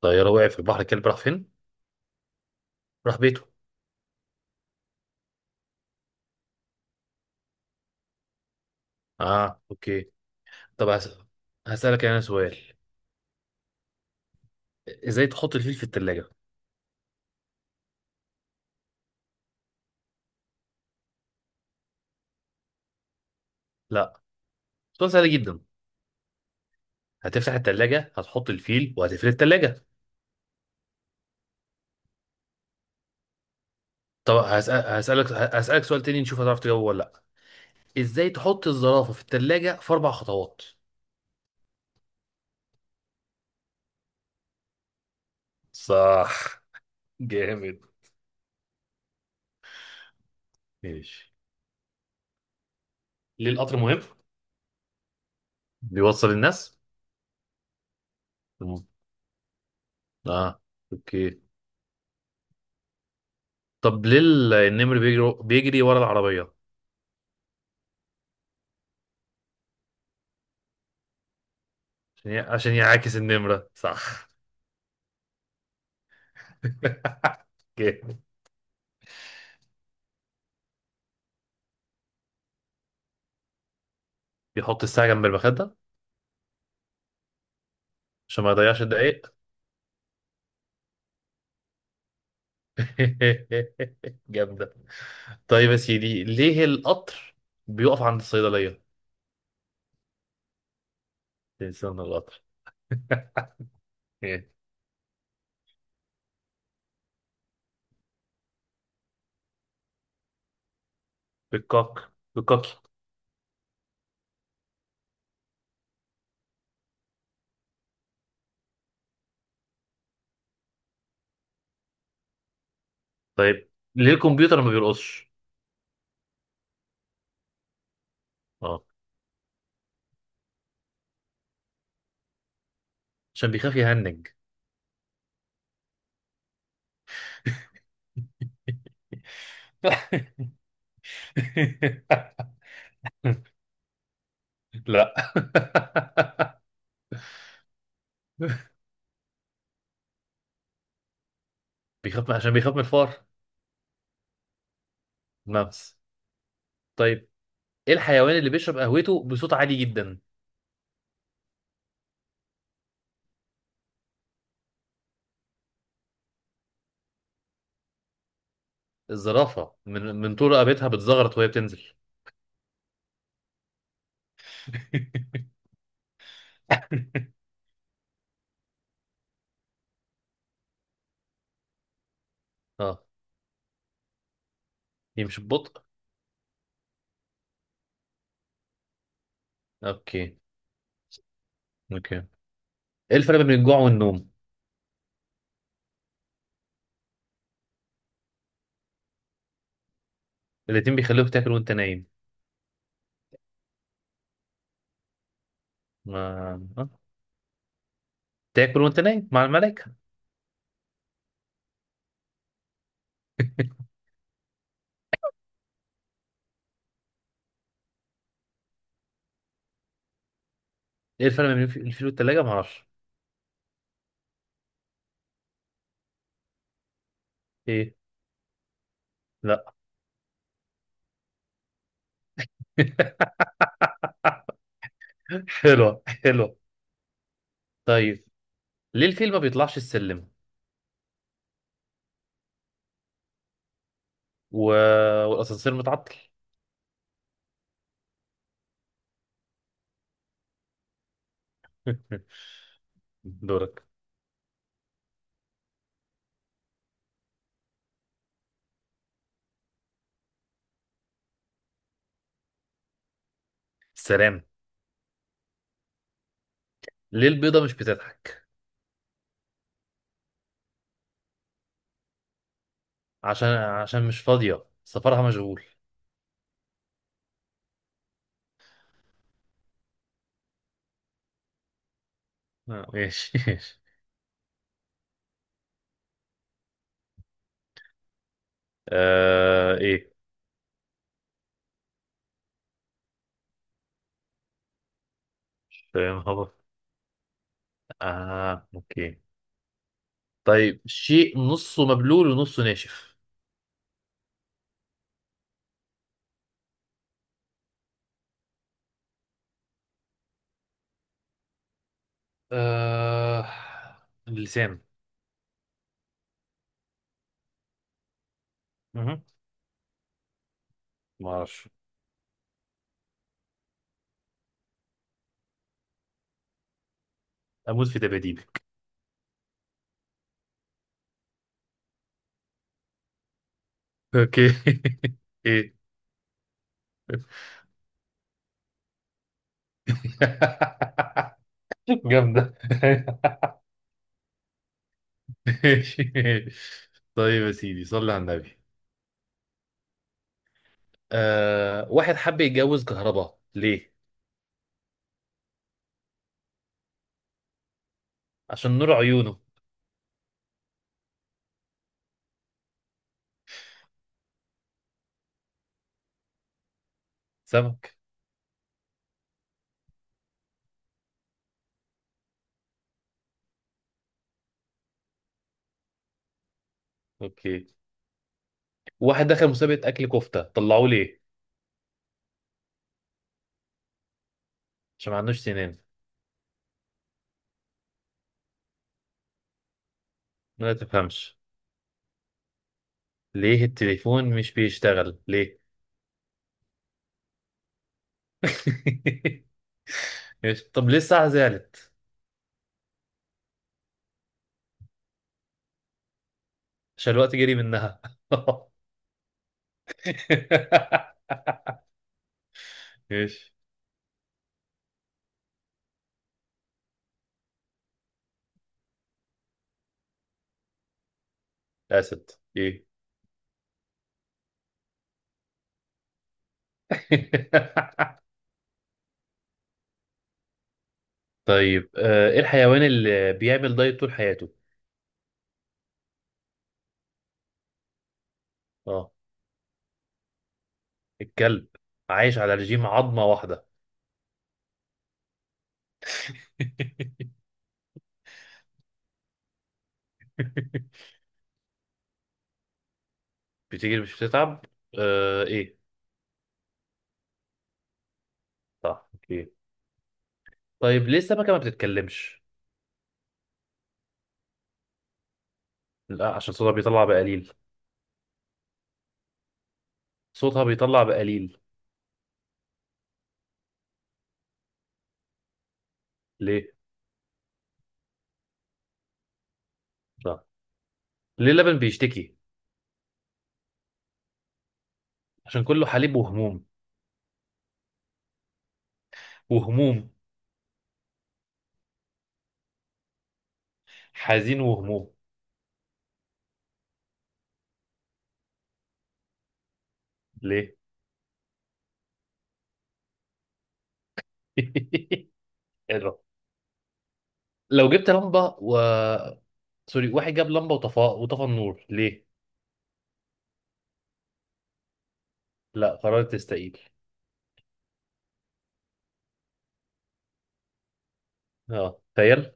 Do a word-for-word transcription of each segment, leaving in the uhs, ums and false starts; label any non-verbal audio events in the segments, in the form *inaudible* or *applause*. طيارة وقع في البحر الكلب راح فين؟ راح بيته. اه، اوكي. طب هس... هسألك انا سؤال. ازاي تحط الفيل في التلاجة؟ لا، سؤال سهل جدا. هتفتح التلاجة، هتحط الفيل وهتقفل التلاجة. طب هسأل... هسألك هسألك سؤال تاني نشوف هتعرف تجاوبه ولا لا. ازاي تحط الزرافة في التلاجة في أربع خطوات؟ صح، جامد، ماشي. ليه القطر مهم؟ بيوصل الناس؟ مم. اه، اوكي. طب ليه ال- النمر بيجري بيجري ورا العربية؟ عشان ي- عشان يعاكس النمرة، صح. جامد. بيحط الساعة جنب المخدة عشان ما يضيعش الدقايق. *laughs* جامدة. طيب يا سيدي، ليه القطر بيقف عند الصيدلية؟ تنسان القطر. *laughs* ايه؟ بالكوك بالكوكي. طيب ليه الكمبيوتر ما بيرقصش؟ اه، عشان بيخاف يهنج. *laughs* لا. *laughs* بيخاف، عشان بيخاف من الفار. الممس. طيب، ايه الحيوان اللي بيشرب قهوته بصوت عالي جدا؟ الزرافة من من طول رقبتها بتزغرط وهي بتنزل. *laughs* اه، دي مش ببطء. اوكي، اوكي. ايه الفرق بين الجوع والنوم؟ الاتنين بيخلوك تاكل وانت نايم. ما آه. تاكل وانت نايم مع الملائكة. ايه الفرق بين الف- الفيل والتلاجة؟ ما اعرفش. ايه؟ لا. *laughs* حلوة، حلوة. طيب ليه الفيل ما بيطلعش السلم و... والاسانسير متعطل؟ *laughs* دورك. سلام. ليه البيضة مش بتضحك؟ عشان عشان مش فاضية، سفرها مشغول. آه، ماشي. *laughs* آه، ايه؟ فاهم، هبط. اه، اوكي. طيب، شيء نصه مبلول ونصه ناشف. آه، اللسان. مهم. ما اعرفش. اموت في دباديبي. اوكي. *laughs* ايه؟ *laughs* جامدة. *laughs* ماشي. طيب يا سيدي، صلي على النبي. آه، واحد حب يتجوز كهرباء، ليه؟ عشان نور عيونه. سمك. اوكي. واحد دخل مسابقة أكل كفتة، طلعوه ليه؟ عشان ما عندوش سنان. ما تفهمش. ليه التليفون مش بيشتغل ليه؟ *laughs* مش- طب ليه الساعة زعلت؟ عشان الوقت جري منها. *laughs* ماشي. اسد. ايه؟ *laughs* طيب آه، ايه الحيوان اللي بيعمل دايت طول حياته؟ اه. الكلب، عايش على رجيم عظمة واحدة. *laughs* بتجري مش بتتعب. آه، ايه؟ صح، اوكي. طيب ليه السمكة ما بتتكلمش؟ لا، عشان صوتها بيطلع بقليل. صوتها بيطلع بقليل. ليه؟ صح. ليه اللبن بيشتكي؟ عشان كله حليب وهموم. وهموم. حزين وهموم. ليه؟ *laughs* الرب. لو جبت لمبة و سوري واحد جاب لمبة وطفى، وطفى النور ليه؟ لا، قررت تستقيل. اه، تخيل.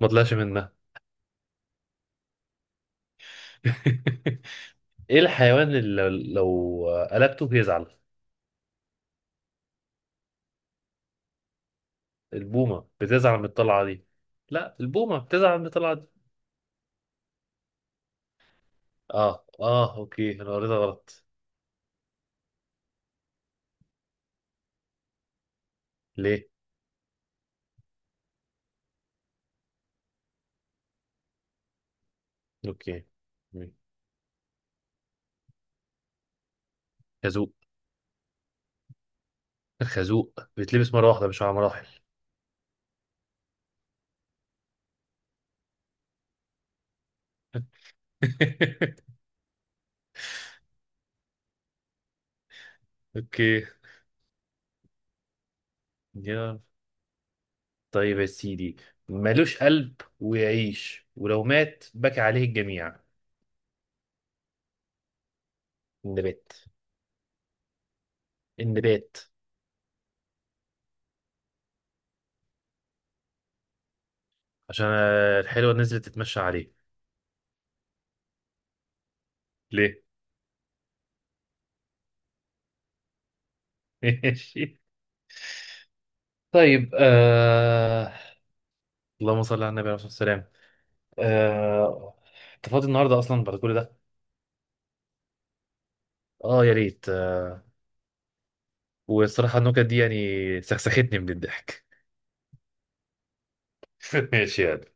ما طلعش منها. *laughs* ايه الحيوان اللي لو قلبته بيزعل؟ البومة بتزعل من الطلعة دي. لا، البومة بتزعل من الطلعة دي. اه، اه، اوكي، انا قريتها غلط. ليه؟ اوكي. مم. خازوق. الخازوق بيتلبس مرة واحدة، مش على مراحل. *laughs* اوكي. يا، طيب يا سيدي، ملوش قلب ويعيش ولو مات بكى عليه الجميع. النبات. النبات. عشان آه، الحلوة نزلت تتمشى عليه. ليه؟ *laughs* ماشي. طيب آه... اللهم صل على النبي، عليه الصلاة والسلام. آه... انت فاضي النهارده اصلا بعد كل ده؟ اه، يا ريت. آه... والصراحة النكت دي يعني سخسختني من الضحك. *laughs* ماشي يعني.